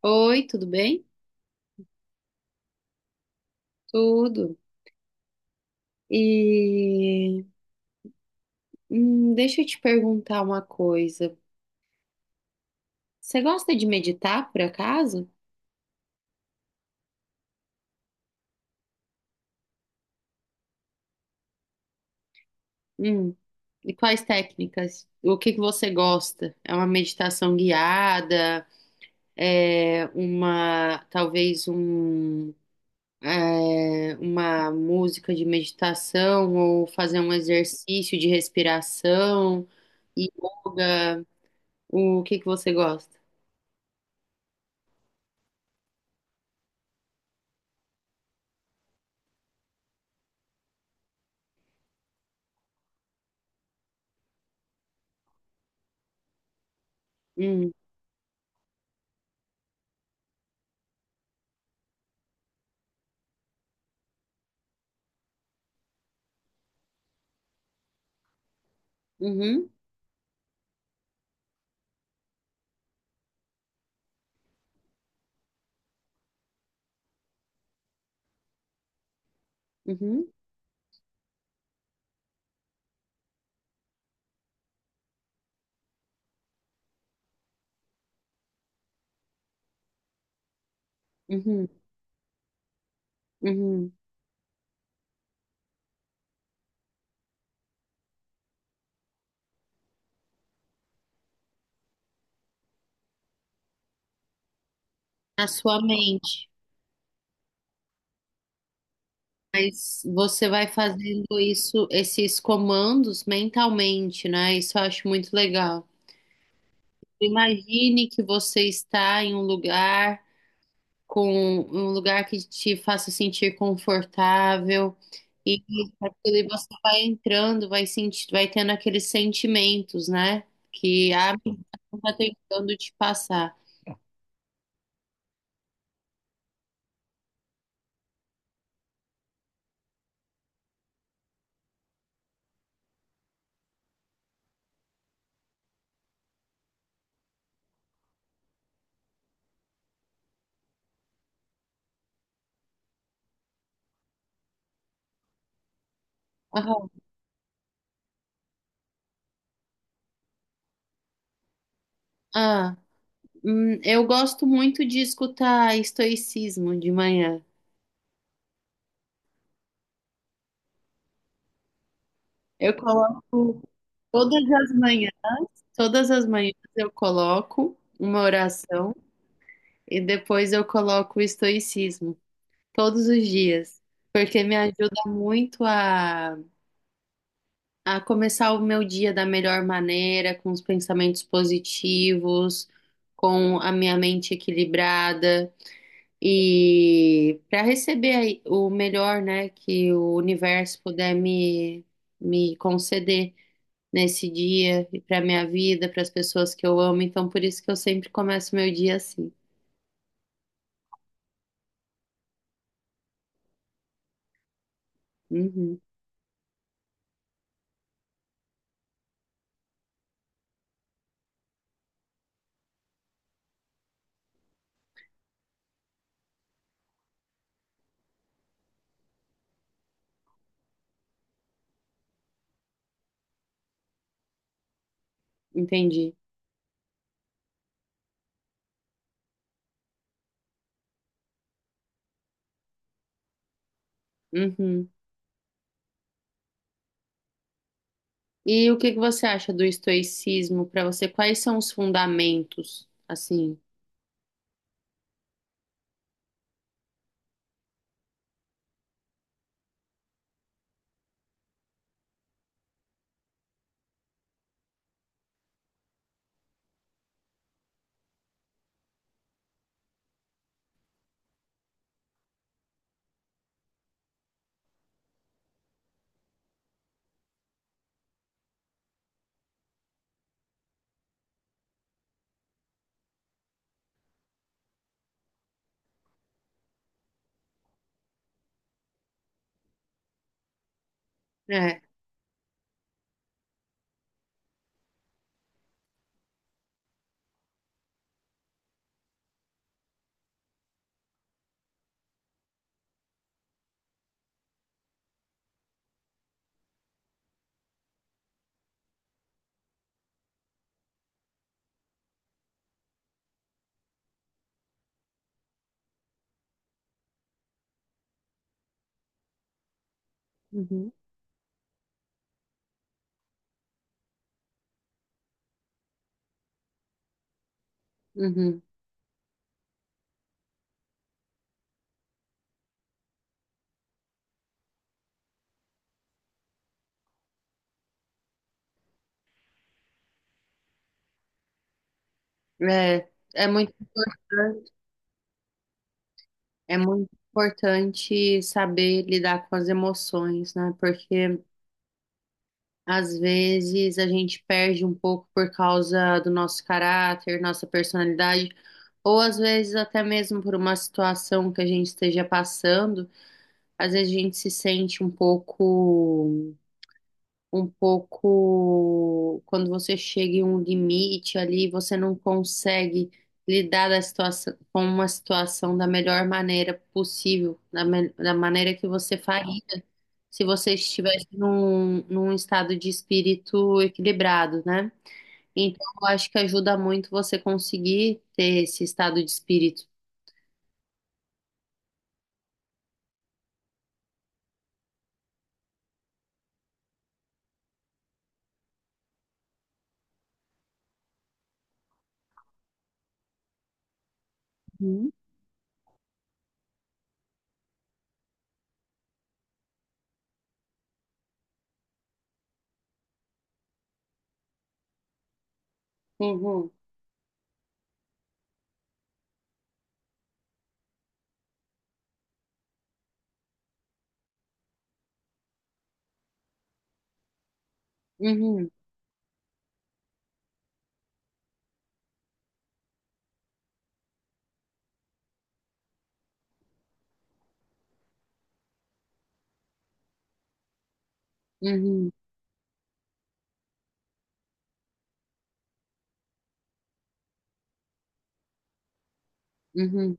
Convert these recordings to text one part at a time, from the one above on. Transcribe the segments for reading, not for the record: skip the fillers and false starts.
Oi, tudo bem? Tudo. E deixa eu te perguntar uma coisa. Você gosta de meditar, por acaso? Hum. E quais técnicas? O que você gosta? É uma meditação guiada? É uma, talvez um, é, Uma música de meditação ou fazer um exercício de respiração, yoga? O que você gosta? Hum. Uhum. Uhum. Uhum, uhum. Na sua mente. Mas você vai fazendo isso, esses comandos mentalmente, né? Isso eu acho muito legal. Imagine que você está em um lugar com um lugar que te faça sentir confortável e aquele você vai entrando, vai sentir, vai tendo aqueles sentimentos, né? Que a pessoa está tentando te passar. Aham. Ah. Eu gosto muito de escutar estoicismo de manhã. Eu coloco todas as manhãs, todas as manhãs eu coloco uma oração e depois eu coloco o estoicismo todos os dias, porque me ajuda muito a começar o meu dia da melhor maneira, com os pensamentos positivos, com a minha mente equilibrada. E para receber aí o melhor, né, que o universo puder me, me conceder nesse dia e para minha vida, para as pessoas que eu amo. Então, por isso que eu sempre começo meu dia assim. Uhum, entendi. Uhum. E o que você acha do estoicismo para você? Quais são os fundamentos, assim? É. Uhum. Uhum. É, é muito importante, é muito importante saber lidar com as emoções, né? Porque às vezes a gente perde um pouco por causa do nosso caráter, nossa personalidade, ou às vezes até mesmo por uma situação que a gente esteja passando, às vezes a gente se sente um pouco, quando você chega em um limite ali, você não consegue lidar da situação, com uma situação da melhor maneira possível, da maneira que você faria se você estivesse num estado de espírito equilibrado, né? Então, eu acho que ajuda muito você conseguir ter esse estado de espírito. Uhum. Uhum. Uhum. Uhum. Uhum.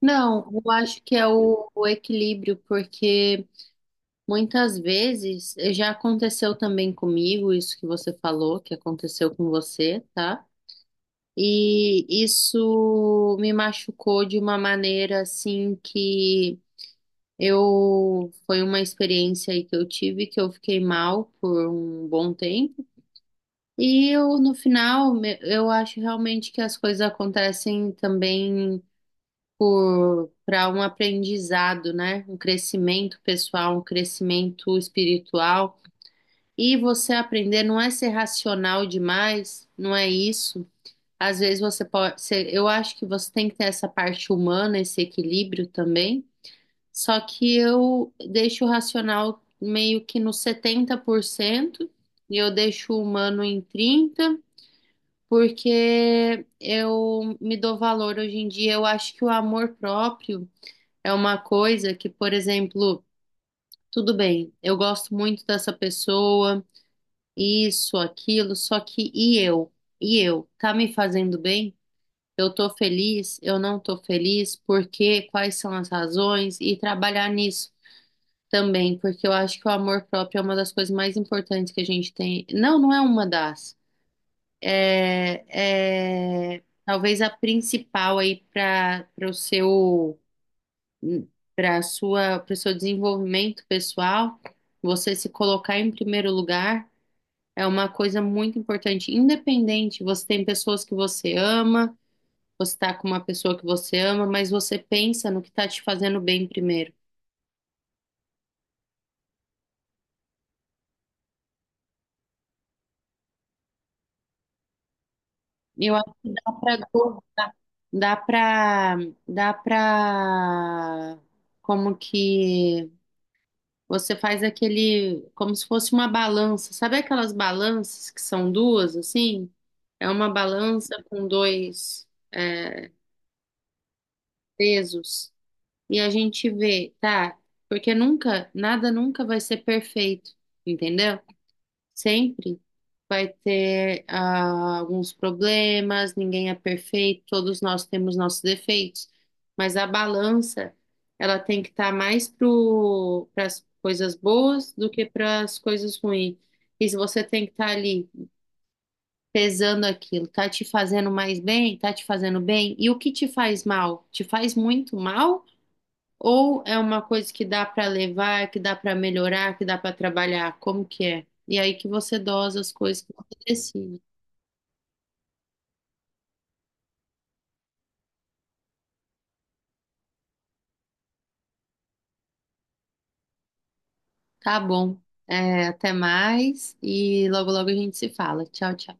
Não, eu acho que é o equilíbrio, porque muitas vezes já aconteceu também comigo, isso que você falou, que aconteceu com você, tá? E isso me machucou de uma maneira assim que eu foi uma experiência aí que eu tive que eu fiquei mal por um bom tempo. E eu no final eu acho realmente que as coisas acontecem também por para um aprendizado, né? Um crescimento pessoal, um crescimento espiritual. E você aprender não é ser racional demais, não é isso. Às vezes você pode ser, eu acho que você tem que ter essa parte humana, esse equilíbrio também. Só que eu deixo o racional meio que no 70% e eu deixo o humano em 30%, porque eu me dou valor hoje em dia. Eu acho que o amor próprio é uma coisa que, por exemplo, tudo bem, eu gosto muito dessa pessoa, isso, aquilo, só que e eu? E eu? Tá me fazendo bem? Eu tô feliz, eu não tô feliz, por quê? Quais são as razões? E trabalhar nisso também, porque eu acho que o amor próprio é uma das coisas mais importantes que a gente tem. Não, não é uma das. É, é talvez a principal aí para o seu para o seu desenvolvimento pessoal. Você se colocar em primeiro lugar é uma coisa muito importante. Independente, você tem pessoas que você ama você está com uma pessoa que você ama, mas você pensa no que está te fazendo bem primeiro. Eu acho que dá para dá para como que você faz aquele como se fosse uma balança. Sabe aquelas balanças que são duas assim? É uma balança com dois pesos e a gente vê, tá? Porque nunca, nada nunca vai ser perfeito, entendeu? Sempre vai ter alguns problemas, ninguém é perfeito, todos nós temos nossos defeitos, mas a balança, ela tem que estar mais para as coisas boas do que para as coisas ruins. E se você tem que estar ali pesando aquilo, tá te fazendo mais bem, tá te fazendo bem, e o que te faz mal? Te faz muito mal? Ou é uma coisa que dá para levar, que dá para melhorar, que dá para trabalhar? Como que é? E aí que você dosa as coisas que você decide. Tá bom. É, até mais e logo logo a gente se fala. Tchau, tchau.